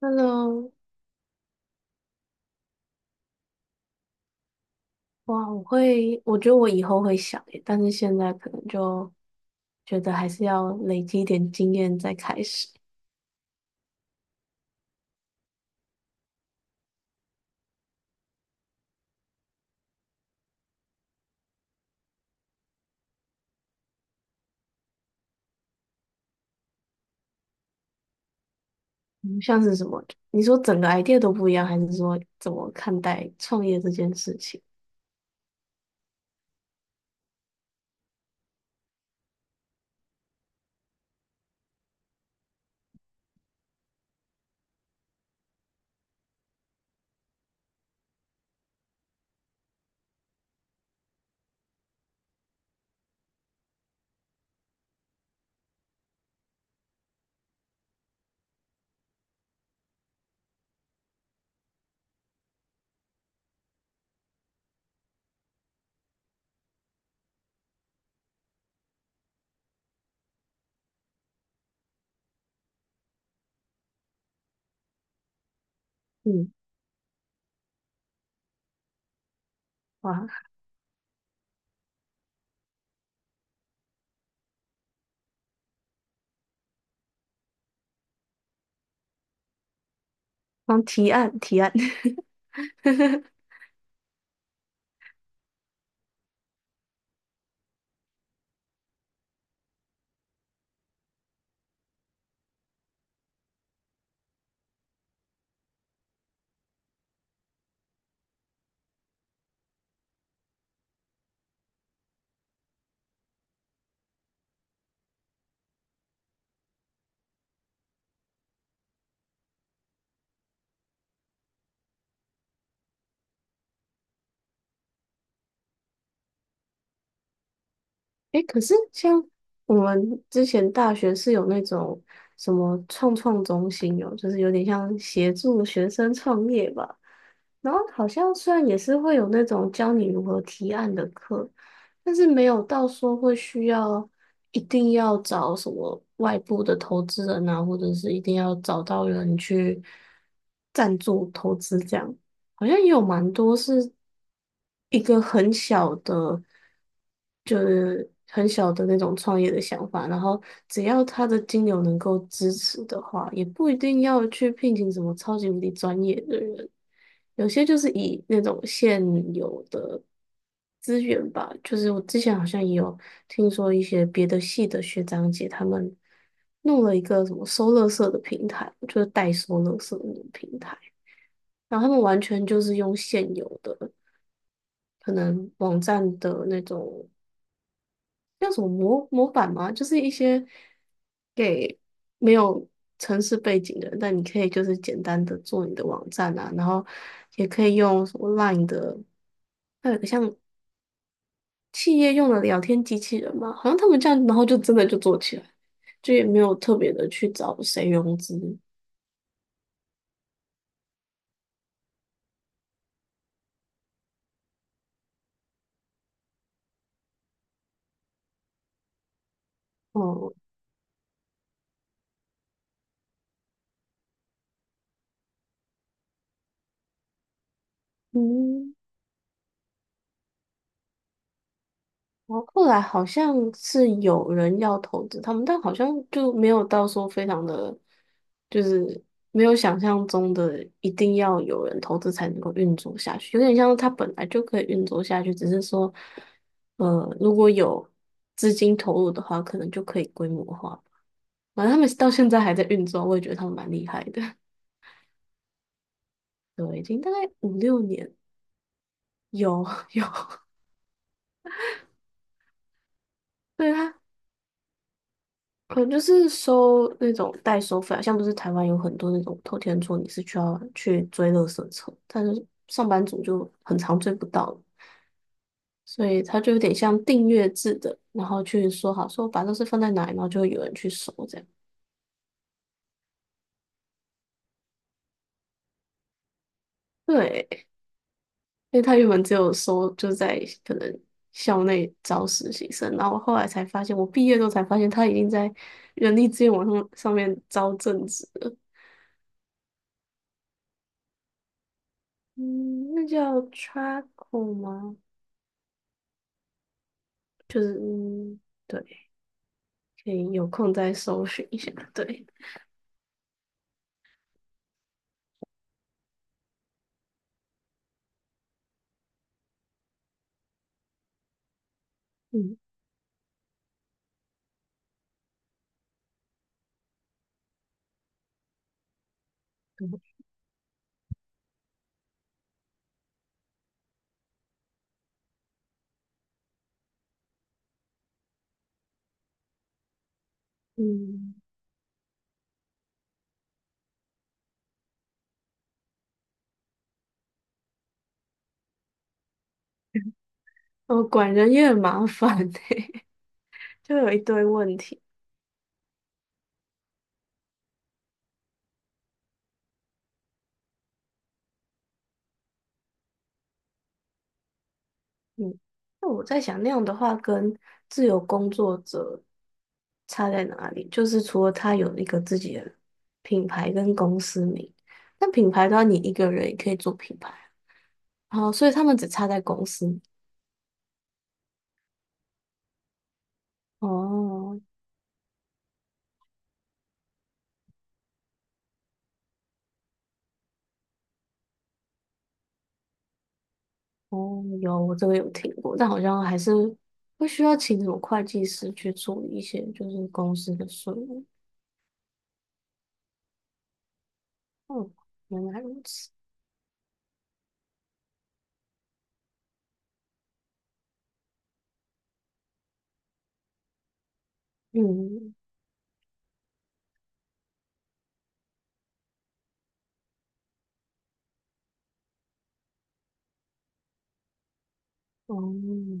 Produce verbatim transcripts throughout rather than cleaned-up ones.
Hello。哇，我会，我觉得我以后会想耶，但是现在可能就觉得还是要累积一点经验再开始。嗯，像是什么？你说整个 idea 都不一样，还是说怎么看待创业这件事情？嗯。哇，帮提案提案。诶，可是像我们之前大学是有那种什么创创中心哦，就是有点像协助学生创业吧。然后好像虽然也是会有那种教你如何提案的课，但是没有到说会需要一定要找什么外部的投资人啊，或者是一定要找到人去赞助投资这样，好像也有蛮多是一个很小的。很小的那种创业的想法，然后只要他的金流能够支持的话，也不一定要去聘请什么超级无敌专业的人，有些就是以那种现有的资源吧，就是我之前好像也有听说一些别的系的学长姐他们弄了一个什么收乐圾的平台，就是代收乐圾的那种平台，然后他们完全就是用现有的可能网站的那种。叫什么模模板吗？就是一些给没有城市背景的人，但你可以就是简单的做你的网站啊，然后也可以用什么 Line 的，还有一个像企业用的聊天机器人嘛，好像他们这样，然后就真的就做起来，就也没有特别的去找谁融资。哦，嗯。然后后来好像是有人要投资他们，但好像就没有到说非常的，就是没有想象中的一定要有人投资才能够运作下去，有点像是它本来就可以运作下去，只是说，呃，如果有资金投入的话，可能就可以规模化。反正他们到现在还在运作，我也觉得他们蛮厉害的。对，已经大概五六年有。 有，对啊。能就是收那种代收费啊，像不是台湾有很多那种偷天厝，你是需要去追垃圾车，但是上班族就很常追不到，所以他就有点像订阅制的，然后去说好说把垃圾放在哪里，然后就会有人去收这样。对，因为他原本只有收就在可能校内招实习生，然后后来才发现，我毕业之后才发现他已经在人力资源网上上面招正职了。嗯，那叫 Traco 吗？就是嗯，对，可以有空再搜寻一下。对。嗯嗯。哦，管人也很麻烦欸。就有一堆问题。嗯，那我在想，那样的话跟自由工作者差在哪里？就是除了他有一个自己的品牌跟公司名，但品牌的话，你一个人也可以做品牌。哦，所以他们只差在公司。哦。哦，有，我这个有听过，但好像还是会需要请什么会计师去处理一些就是公司的税务。嗯，原来如此。嗯。哦，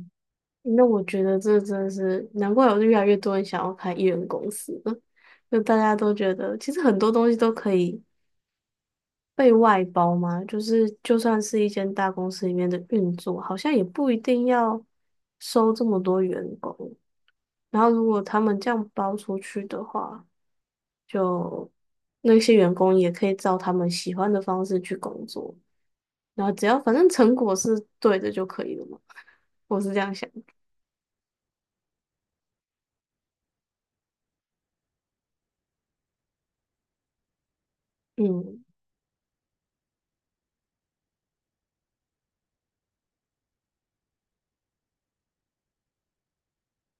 那我觉得这真的是难怪，有越来越多人想要开艺人公司了，就大家都觉得其实很多东西都可以被外包嘛，就是就算是一间大公司里面的运作，好像也不一定要收这么多员工。然后如果他们这样包出去的话，就那些员工也可以照他们喜欢的方式去工作，然后只要反正成果是对的就可以了嘛。我是这样想。嗯。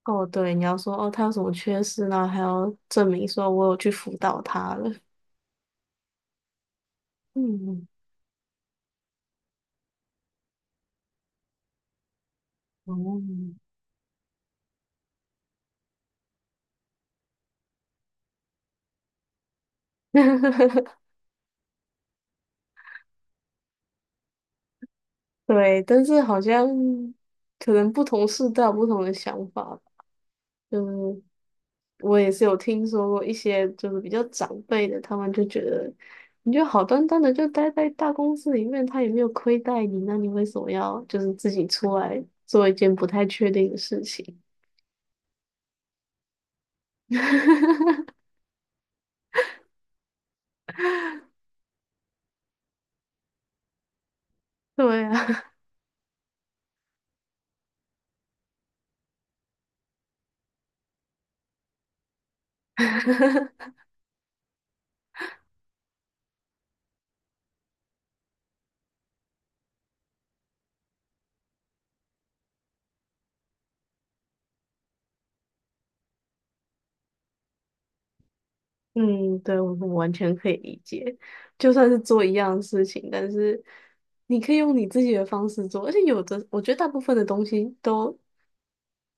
哦，对，你要说哦，他有什么缺失，然后还要证明说我有去辅导他了。嗯。哦，对，但是好像可能不同世代有不同的想法吧，就是。我也是有听说过一些就是比较长辈的，他们就觉得你就好端端的就待在大公司里面，他也没有亏待你，那你为什么要就是自己出来做一件不太确定的事情？对啊。嗯，对，我我完全可以理解，就算是做一样的事情，但是你可以用你自己的方式做，而且有的我觉得大部分的东西都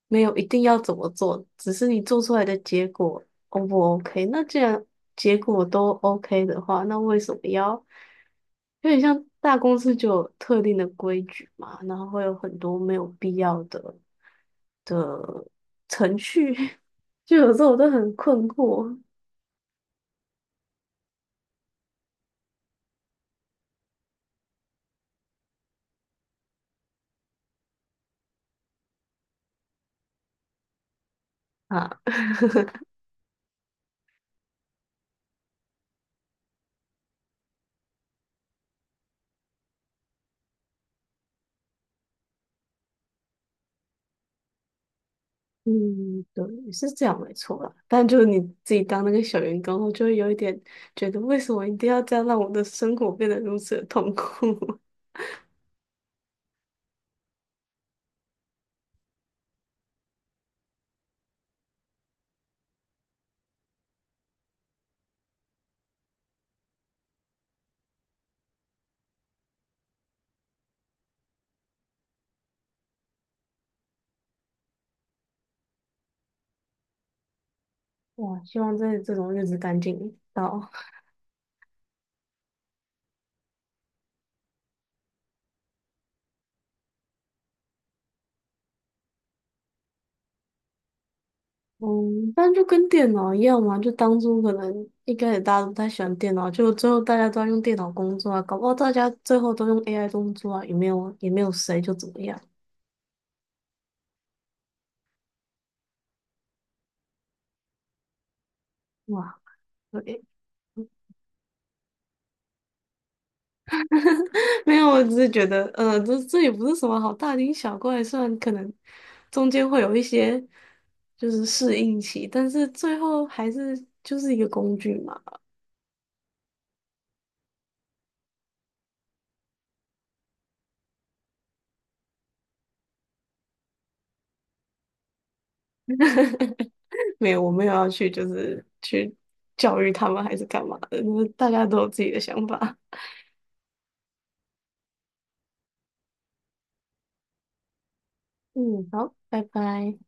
没有一定要怎么做，只是你做出来的结果 O 不 OK?那既然结果都 OK 的话，那为什么要有点像大公司就有特定的规矩嘛？然后会有很多没有必要的程序，就有时候我都很困惑啊。嗯，对，是这样没错啦。但就是你自己当那个小员工后，就会有一点觉得，为什么一定要这样让我的生活变得如此的痛苦？哇，希望这这种日子赶紧到。嗯，但就跟电脑一样嘛，就当初可能一开始大家都不太喜欢电脑，就最后大家都要用电脑工作啊，搞不好大家最后都用 A I 工作啊，也没有也没有谁就怎么样。哇，对，没有，我只是觉得，呃，这这也不是什么好大惊小怪，虽然可能中间会有一些就是适应期，但是最后还是就是一个工具嘛。没有，我没有要去就是去教育他们还是干嘛的，就是大家都有自己的想法。嗯，好，拜拜。